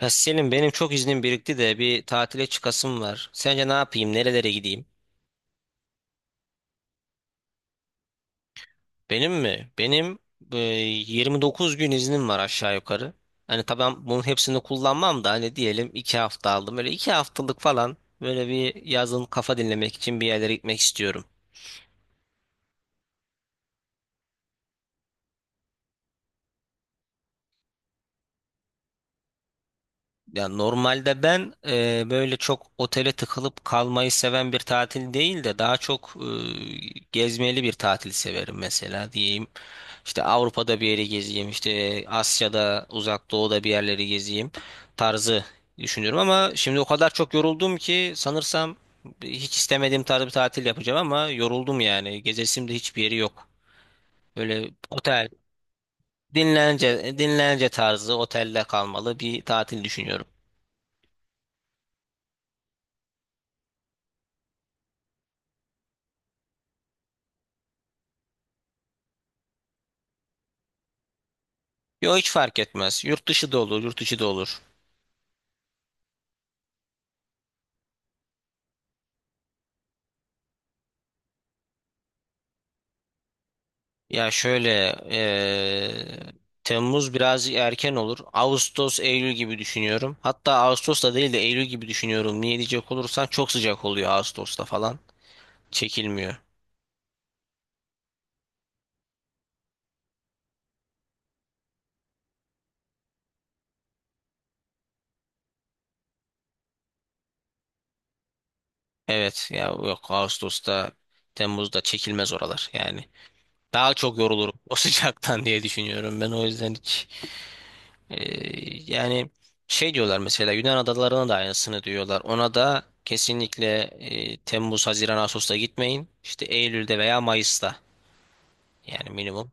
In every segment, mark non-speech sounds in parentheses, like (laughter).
Ya Selim, benim çok iznim birikti de bir tatile çıkasım var. Sence ne yapayım? Nerelere gideyim? Benim mi? Benim 29 gün iznim var aşağı yukarı. Hani tamam, bunun hepsini kullanmam da hani diyelim 2 hafta aldım. Böyle 2 haftalık falan, böyle bir yazın kafa dinlemek için bir yerlere gitmek istiyorum. Ya normalde ben böyle çok otele tıkılıp kalmayı seven bir tatil değil de daha çok gezmeli bir tatil severim mesela diyeyim. İşte Avrupa'da bir yeri gezeyim, işte Asya'da, Uzak Doğu'da bir yerleri gezeyim tarzı düşünüyorum, ama şimdi o kadar çok yoruldum ki sanırsam hiç istemediğim tarz bir tatil yapacağım ama yoruldum yani. Gezesim de hiçbir yeri yok. Böyle otel, dinlence tarzı otelde kalmalı bir tatil düşünüyorum. Yo, hiç fark etmez. Yurt dışı da olur, yurt içi de olur. Ya şöyle Temmuz biraz erken olur. Ağustos, Eylül gibi düşünüyorum. Hatta Ağustos da değil de Eylül gibi düşünüyorum. Niye diyecek olursan, çok sıcak oluyor Ağustos'ta falan. Çekilmiyor. Evet ya, yok, Ağustos'ta, Temmuz'da çekilmez oralar yani. Daha çok yorulurum o (laughs) sıcaktan diye düşünüyorum, ben o yüzden hiç. Ee, yani şey diyorlar mesela, Yunan adalarına da aynısını diyorlar. Ona da kesinlikle Temmuz, Haziran, Ağustos'ta gitmeyin. İşte Eylül'de veya Mayıs'ta yani minimum.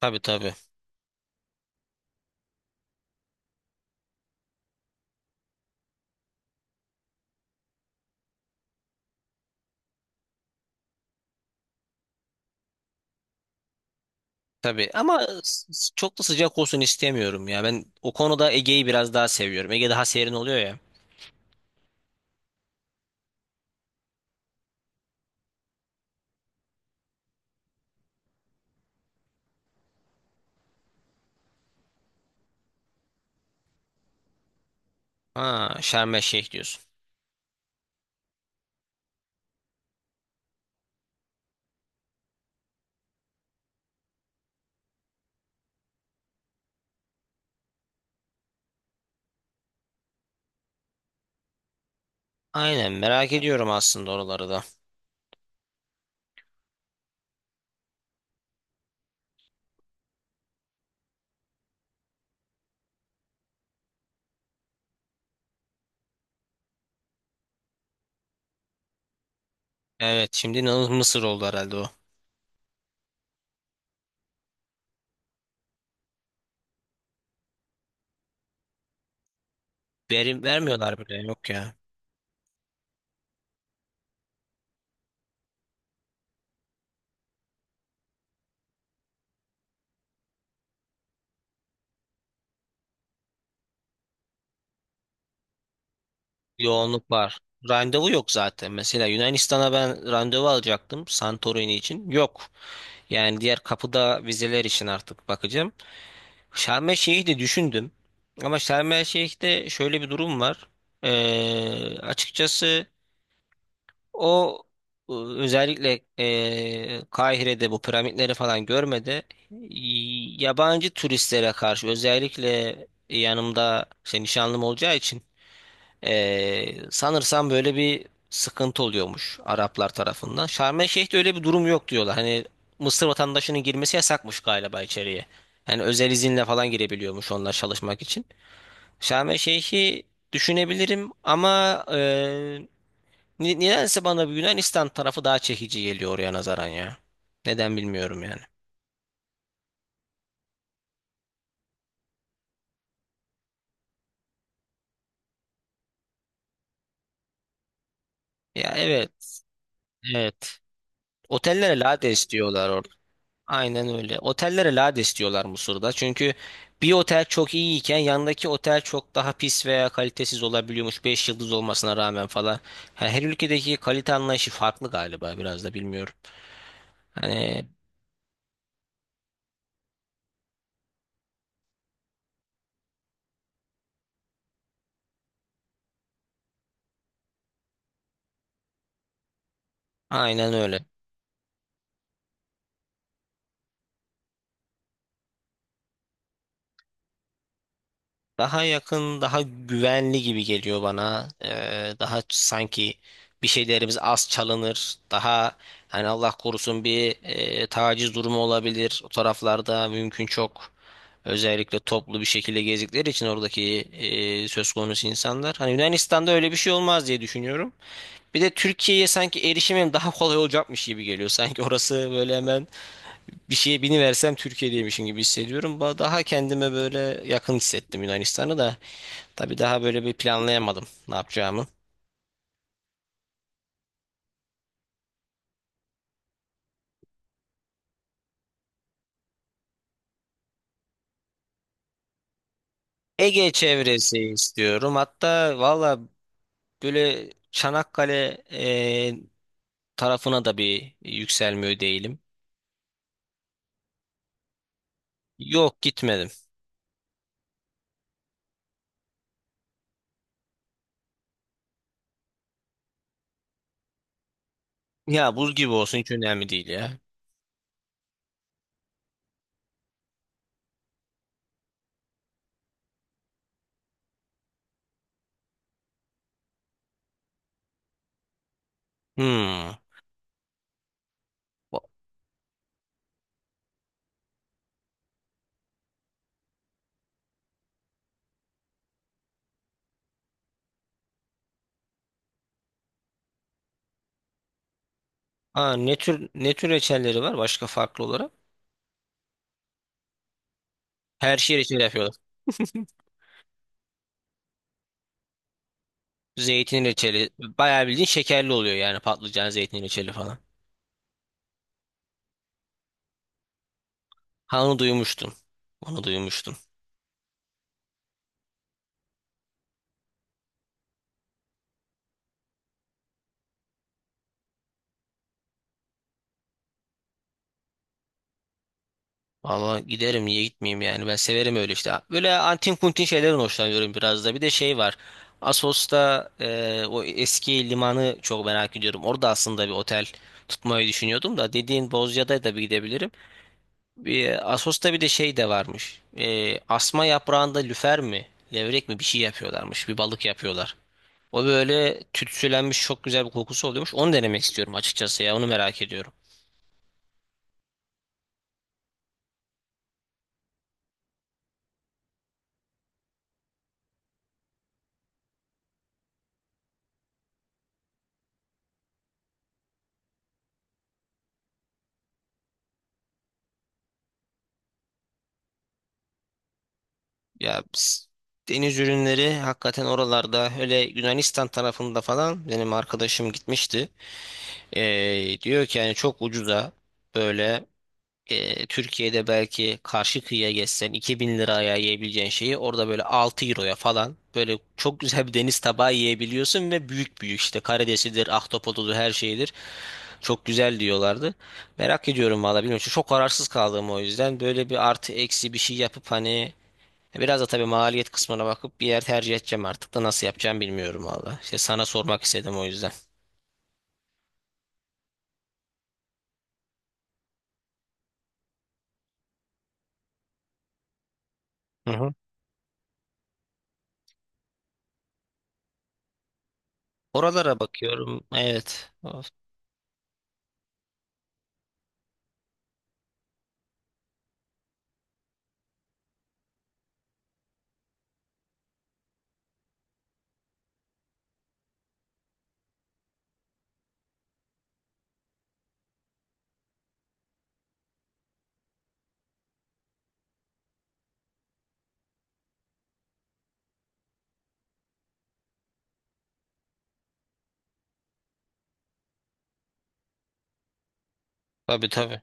Tabii tabii. Tabii ama çok da sıcak olsun istemiyorum ya. Ben o konuda Ege'yi biraz daha seviyorum. Ege daha serin oluyor ya. Ha, Şarm El Şeyh diyorsun. Aynen, merak ediyorum aslında oraları da. Evet, şimdi inanılmaz Mısır oldu herhalde o. Verim vermiyorlar bile, yok ya. Yoğunluk var. Randevu yok zaten. Mesela Yunanistan'a ben randevu alacaktım Santorini için. Yok. Yani diğer kapıda vizeler için artık bakacağım. Şarm El Şeyh'i de düşündüm. Ama Şarm El Şeyh'te şöyle bir durum var. Açıkçası o özellikle Kahire'de bu piramitleri falan görmedi. Yabancı turistlere karşı, özellikle yanımda işte nişanlım olacağı için sanırsam böyle bir sıkıntı oluyormuş Araplar tarafından. Şarm El Şeyh'te öyle bir durum yok diyorlar. Hani Mısır vatandaşının girmesi yasakmış galiba içeriye. Yani özel izinle falan girebiliyormuş onlar, çalışmak için. Şarm El Şeyh'i düşünebilirim ama nedense bana bir Yunanistan tarafı daha çekici geliyor oraya nazaran ya. Neden bilmiyorum yani. Ya evet, evet. Otellere lade istiyorlar. Aynen öyle. Otellere lades diyorlar Mısır'da. Çünkü bir otel çok iyiyken yanındaki otel çok daha pis veya kalitesiz olabiliyormuş. 5 yıldız olmasına rağmen falan. Ha, her ülkedeki kalite anlayışı farklı galiba biraz da, bilmiyorum. Hani aynen öyle. Daha yakın, daha güvenli gibi geliyor bana. Daha sanki bir şeylerimiz az çalınır. Daha hani Allah korusun bir taciz durumu olabilir. O taraflarda mümkün çok. Özellikle toplu bir şekilde gezdikleri için oradaki söz konusu insanlar. Hani Yunanistan'da öyle bir şey olmaz diye düşünüyorum. Bir de Türkiye'ye sanki erişimim daha kolay olacakmış gibi geliyor. Sanki orası böyle hemen bir şeye biniversem Türkiye'deymişim gibi hissediyorum. Daha kendime böyle yakın hissettim Yunanistan'ı da. Tabii daha böyle bir planlayamadım ne yapacağımı. Ege çevresi istiyorum. Hatta valla böyle Çanakkale tarafına da bir yükselmiyor değilim. Yok, gitmedim. Ya buz gibi olsun, hiç önemli değil ya. Hmm. Ha, ne tür, ne tür reçelleri var başka farklı olarak? Her şey reçel yapıyorlar. (laughs) Zeytin reçeli. Bayağı bildiğin şekerli oluyor yani, patlıcan zeytin reçeli falan. Ha, onu duymuştum. Onu duymuştum. Valla giderim, niye gitmeyeyim yani, ben severim öyle işte. Böyle antin kuntin şeylerin hoşlanıyorum biraz da. Bir de şey var. Assos'ta o eski limanı çok merak ediyorum. Orada aslında bir otel tutmayı düşünüyordum da, dediğin Bozcaada da bir gidebilirim. Bir, Assos'ta bir de şey de varmış. Asma yaprağında lüfer mi, levrek mi bir şey yapıyorlarmış. Bir balık yapıyorlar. O böyle tütsülenmiş, çok güzel bir kokusu oluyormuş. Onu denemek istiyorum açıkçası, ya onu merak ediyorum. Ya biz- deniz ürünleri hakikaten oralarda öyle, Yunanistan tarafında falan, benim arkadaşım gitmişti. Diyor ki, yani çok ucuza böyle, Türkiye'de belki karşı kıyıya geçsen 2000 liraya yiyebileceğin şeyi orada böyle 6 euroya falan, böyle çok güzel bir deniz tabağı yiyebiliyorsun ve büyük büyük işte, karidesidir, ahtapotudur, her şeydir. Çok güzel diyorlardı. Merak ediyorum valla, bilmiyorum. Çok kararsız kaldım o yüzden. Böyle bir artı eksi bir şey yapıp hani, biraz da tabii maliyet kısmına bakıp bir yer tercih edeceğim artık da, nasıl yapacağım bilmiyorum valla. İşte sana sormak istedim o yüzden. Hı hı. Oralara bakıyorum. Evet. Of. Tabii tabii.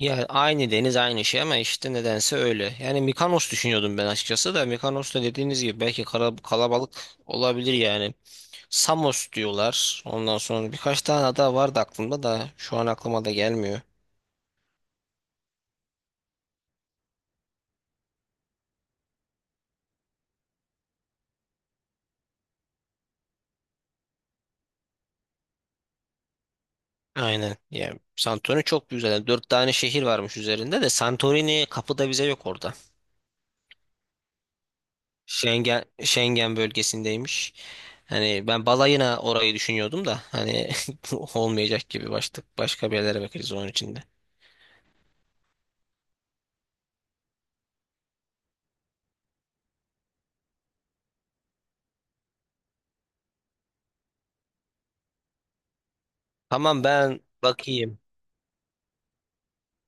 Ya aynı deniz, aynı şey ama işte nedense öyle. Yani Mikonos düşünüyordum ben açıkçası da, Mikonos da dediğiniz gibi belki kalabalık olabilir yani. Samos diyorlar. Ondan sonra birkaç tane ada vardı aklımda da şu an aklıma da gelmiyor. Aynen. Yani Santorini çok büyük zaten. Dört tane şehir varmış üzerinde de, Santorini kapıda vize yok orada. Schengen bölgesindeymiş. Hani ben balayına orayı düşünüyordum da hani (laughs) olmayacak gibi, başlık başka bir yerlere bakarız onun içinde. Tamam, ben bakayım.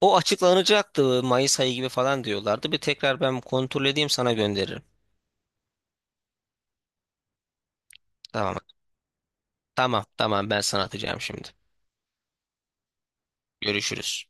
O açıklanacaktı, Mayıs ayı gibi falan diyorlardı. Bir tekrar ben kontrol edeyim, sana gönderirim. Tamam. Tamam, ben sana atacağım şimdi. Görüşürüz.